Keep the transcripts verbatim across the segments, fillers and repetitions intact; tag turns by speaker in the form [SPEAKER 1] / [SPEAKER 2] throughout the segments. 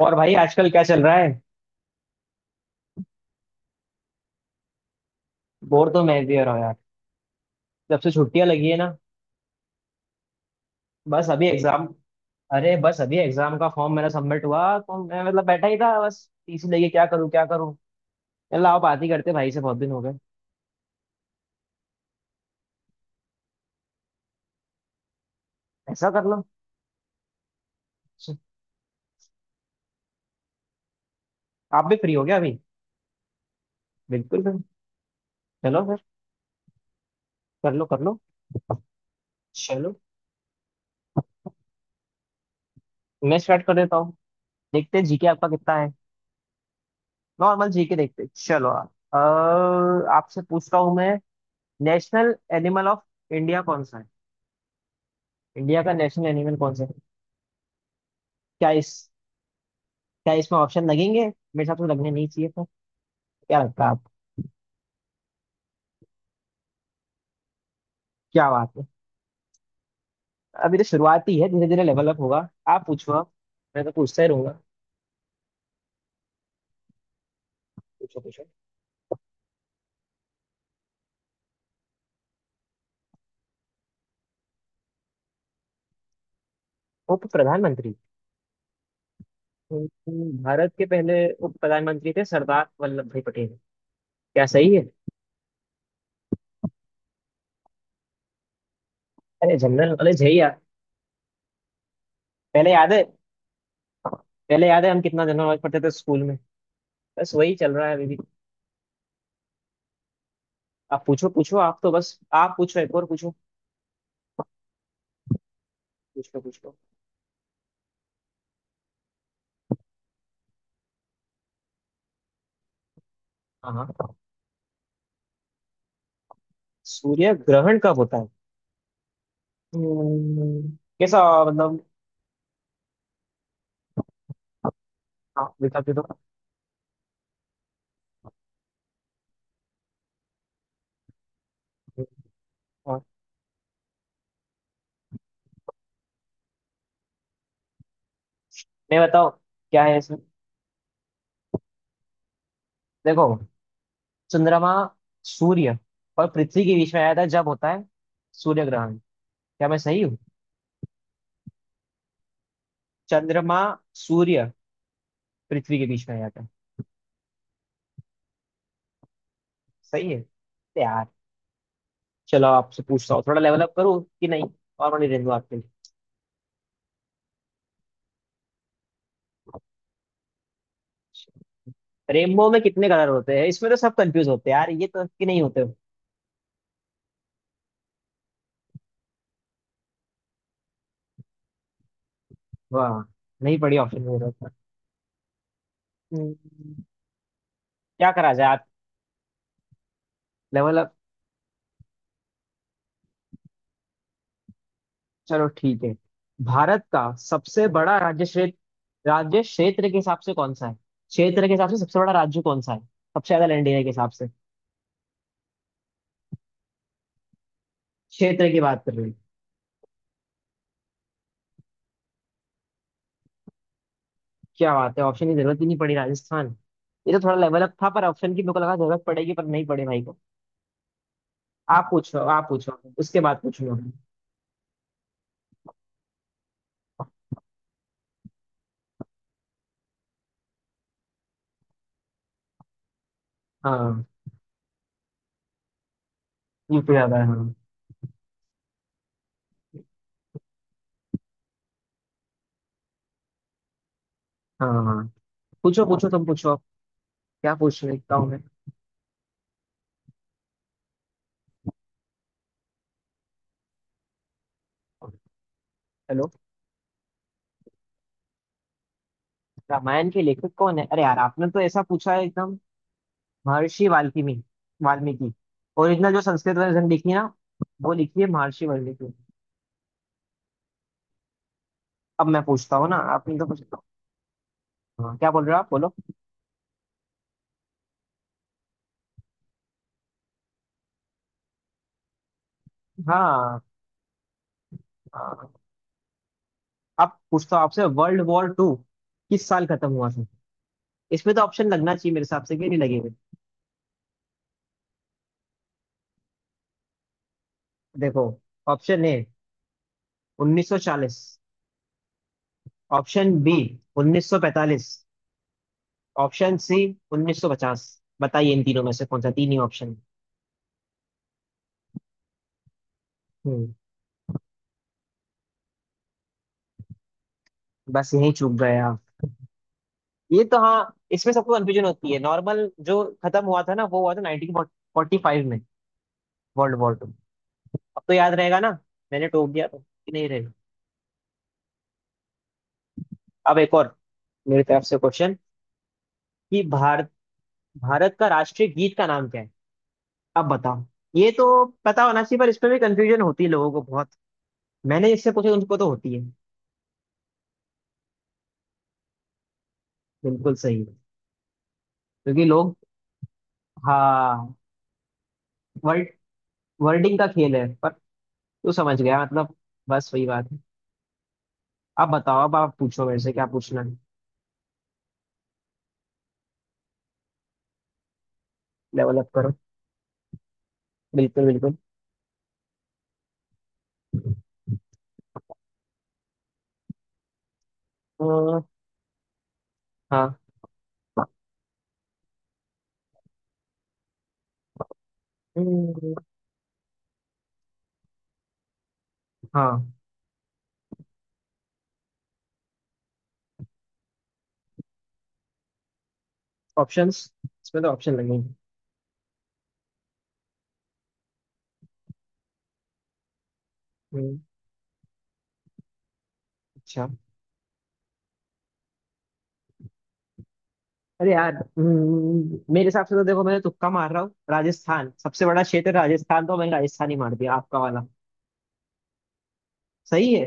[SPEAKER 1] और भाई आजकल क्या चल रहा है? बोर तो मैं भी हो रहा हूँ यार। जब से छुट्टियां लगी है ना। बस अभी एग्जाम। अरे बस अभी एग्जाम का फॉर्म मेरा सबमिट हुआ, तो मैं मतलब बैठा ही था, बस टीसी लेके क्या करूँ क्या करूँ। चलो आप बात ही करते, भाई से बहुत दिन हो गए। ऐसा कर लो। आप भी फ्री हो गया अभी। बिल्कुल फिर। चलो फिर, कर लो कर लो। चलो मैं स्टार्ट कर देता हूँ। देखते हैं जीके आपका कितना है। नॉर्मल जीके देखते हैं। चलो आप अ, आपसे पूछता हूँ मैं। नेशनल एनिमल ऑफ इंडिया कौन सा है? इंडिया का नेशनल एनिमल कौन सा है? क्या इस क्या इसमें ऑप्शन लगेंगे? मेरे साथ तो लगने नहीं चाहिए था। क्या लगता है आपको? क्या बात है। अभी तो शुरुआत ही है, धीरे धीरे लेवल अप होगा। आप पूछो आप, मैं तो पूछता ही रहूंगा। पूछो पूछो। उप प्रधानमंत्री। हम्म, भारत के पहले उप प्रधानमंत्री थे सरदार वल्लभ भाई पटेल। क्या सही है? अरे जनरल नॉलेज है ही यार। पहले याद है? पहले याद है हम कितना जनरल नॉलेज पढ़ते थे स्कूल में। बस वही चल रहा है अभी भी। आप पूछो पूछो, आप तो बस आप पूछो, एक और पूछो। पूछो पूछो। हाँ हाँ, सूर्य ग्रहण कब होता है? हम्म, कैसा, मतलब? हाँ, विकल्प दे दो। हाँ, मैं बताओ, क्या है इसमें? देखो, चंद्रमा सूर्य और पृथ्वी के बीच में आया था जब, होता है सूर्य ग्रहण। क्या मैं सही हूँ? चंद्रमा, सूर्य, पृथ्वी के बीच में आया था। सही है तो यार। चलो आपसे पूछता हूँ, थोड़ा लेवल अप करूँ कि नहीं। और मनी रेनबो आपके लिए। रेनबो में कितने कलर होते हैं? इसमें तो सब कंफ्यूज होते हैं यार, ये तो कि नहीं होते। वाह, नहीं पड़ी ऑप्शन में। हम्म, क्या करा जाए आप, लेवल? चलो ठीक है। भारत का सबसे बड़ा राज्य क्षेत्र राज्य क्षेत्र के हिसाब से कौन सा है? क्षेत्र के हिसाब से सबसे बड़ा राज्य कौन सा है, सबसे ज्यादा लैंड एरिया के हिसाब से? क्षेत्र की बात कर रही। क्या बात है, ऑप्शन की जरूरत ही नहीं पड़ी, राजस्थान। ये तो थोड़ा लेवल अप था पर ऑप्शन की मेरे को लगा जरूरत पड़ेगी, पर नहीं पड़े भाई को। आप पूछो आप पूछो, उसके बाद पूछूंगा। हाँ, ये तो ज्यादा है हाँ। हाँ हाँ। पूछो पूछो, तुम पूछो अब। क्या पूछ रही हूँ मैं। हेलो, रामायण के लेखक कौन है? अरे यार, आपने तो ऐसा पूछा है एकदम। महर्षि वाल्मीकि। वाल्मीकि। ओरिजिनल जो संस्कृत वर्जन लिखी है ना, वो लिखी है महर्षि वाल्मीकि। अब मैं पूछता हूँ ना, आपने तो पूछता हूँ, क्या बोल रहे हो आप, बोलो। हाँ हाँ। अब पूछता हूँ आपसे, वर्ल्ड वॉर टू किस साल खत्म हुआ था? इसमें तो ऑप्शन लगना चाहिए मेरे हिसाब से, कि नहीं लगेगा। देखो, ऑप्शन ए उन्नीस सौ चालीस, ऑप्शन बी उन्नीस सौ पैंतालीस, ऑप्शन सी उन्नीस सौ पचास। बताइए इन तीनों में से कौन सा, तीन ही ऑप्शन। हम्म बस यही चूक गए आप। ये तो हाँ, इसमें सबको कंफ्यूजन होती है नॉर्मल। जो खत्म हुआ था ना वो हुआ था नाइनटीन फोर्टी फाइव में, वर्ल्ड वॉर टू। अब तो याद रहेगा ना, मैंने टोक दिया तो कि नहीं रहेगा। अब एक और मेरी तरफ से क्वेश्चन, कि भारत भारत का राष्ट्रीय गीत का नाम क्या है? अब बताओ। ये तो पता होना चाहिए पर इसमें भी कंफ्यूजन होती है लोगों को बहुत, मैंने इससे पूछा उनको तो होती है। बिल्कुल सही है। क्योंकि लोग, हाँ, वर्ड वर्डिंग का खेल है पर, तू समझ गया मतलब, बस वही बात है। अब बताओ, अब आप पूछो मेरे से क्या पूछना है। लेवल अप करो। बिल्कुल बिल्कुल। अ, हाँ। हम्म, हाँ। ऑप्शंस, इसमें तो ऑप्शन लगेंगे। हम्म, अच्छा। अरे यार, हम्म, मेरे हिसाब से तो देखो, मैं तो तुक्का मार रहा हूँ, राजस्थान सबसे बड़ा क्षेत्र है, राजस्थान, तो मैंने राजस्थान ही मार दिया आपका वाला। सही है।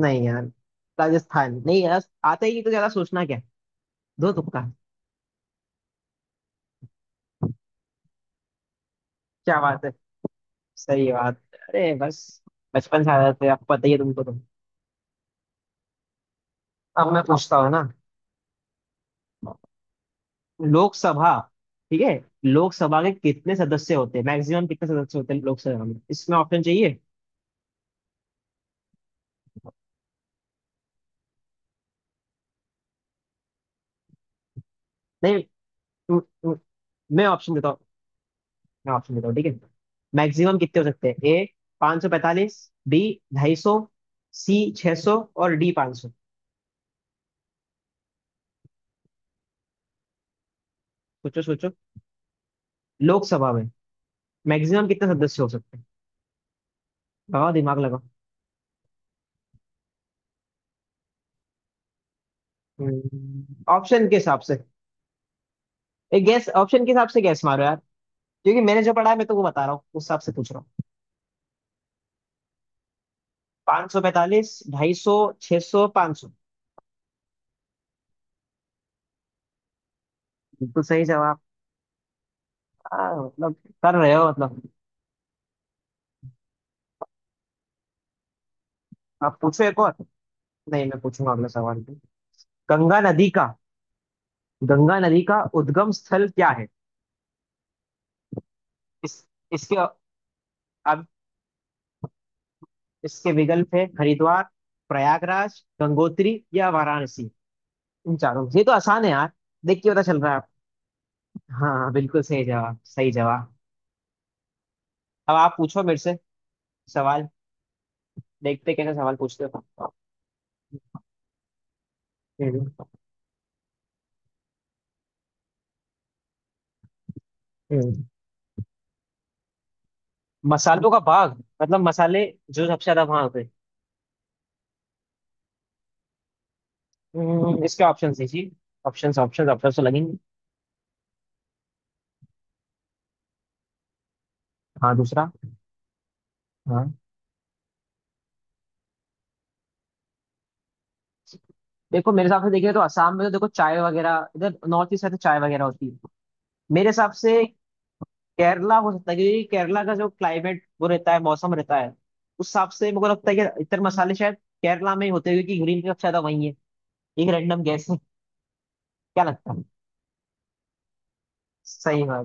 [SPEAKER 1] नहीं यार, राजस्थान नहीं यार आता ही नहीं, तो ज्यादा सोचना क्या, दो तुक्का। क्या बात है, सही बात है। अरे बस, बचपन से आदत है, अब पता ही है तुमको तो। अब मैं पूछता हूँ ना, लोकसभा, ठीक है? लोकसभा के कितने सदस्य होते हैं, मैक्सिमम कितने सदस्य होते हैं लोकसभा में? इसमें ऑप्शन चाहिए? नहीं, म- म- मैं ऑप्शन देता हूँ, मैं ऑप्शन देता हूँ ठीक है। मैक्सिमम कितने हो सकते हैं? ए पाँच सौ पैंतालीस, बी ढाई सौ, सी छह सौ और डी पाँच सौ। सोचो सोचो, लोकसभा में मैक्सिमम कितने सदस्य हो सकते हैं। लगाओ दिमाग लगाओ। हम्म, ऑप्शन के हिसाब से, एक गैस ऑप्शन के हिसाब से गैस मारो यार, क्योंकि मैंने जो पढ़ा है मैं तो वो बता रहा हूँ, उस हिसाब से पूछ रहा। पाँच सौ पैंतालीस, ढाई सौ, छह सौ, पाँच सौ। बिल्कुल सही जवाब। आ, मतलब कर रहे हो मतलब। आप पूछो एक और। नहीं मैं पूछूंगा अगला सवाल भी। गंगा नदी का गंगा नदी का उद्गम स्थल क्या है? इस इसके अब इसके विकल्प है हरिद्वार, प्रयागराज, गंगोत्री या वाराणसी, इन चारों में से। ये तो आसान है यार, देख के पता चल रहा है आप। हाँ हाँ, बिल्कुल सही जवाब, सही जवाब। अब आप पूछो मेरे से सवाल। देखते हैं कैसे सवाल पूछते हो। हम्म, हम्म। मसालों का बाग मतलब मसाले जो सबसे ज्यादा वहां पे। हम्म, इसके ऑप्शन है जी। ऑप्शन ऑप्शन ऑप्शन तो लगेंगे। हाँ दूसरा, हाँ। देखो मेरे हिसाब से, देखिए तो असम में तो देखो चाय वगैरह, इधर नॉर्थ ईस्ट है तो चाय वगैरह होती है। मेरे हिसाब से केरला हो सकता है, क्योंकि केरला का जो क्लाइमेट वो रहता है, मौसम रहता है, उस हिसाब से मेरे को लगता है कि इतर मसाले शायद केरला में ही होते हैं, क्योंकि ग्रीन टी सबसे ज्यादा वही है। एक रैंडम गैस है। क्या लगता है? सही है।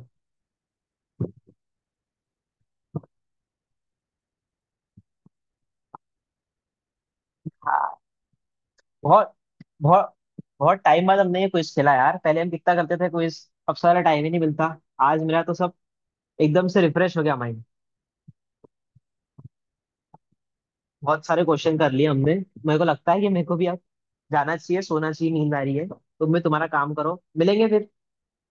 [SPEAKER 1] बहुत बहुत बहुत टाइम बाद हमने ये क्विज खेला यार, पहले हम कितना करते थे क्विज, अब सारा टाइम ही नहीं मिलता। आज मेरा तो सब एकदम से रिफ्रेश हो गया माइंड। बहुत सारे क्वेश्चन कर लिए हमने। मेरे को लगता है कि मेरे को भी अब जाना चाहिए, सोना चाहिए, नींद आ रही है, तुम भी तुम्हारा काम करो, मिलेंगे फिर।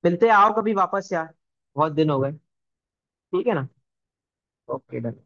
[SPEAKER 1] मिलते हैं, आओ कभी वापस यार, बहुत दिन हो गए। ठीक है ना? Okay done.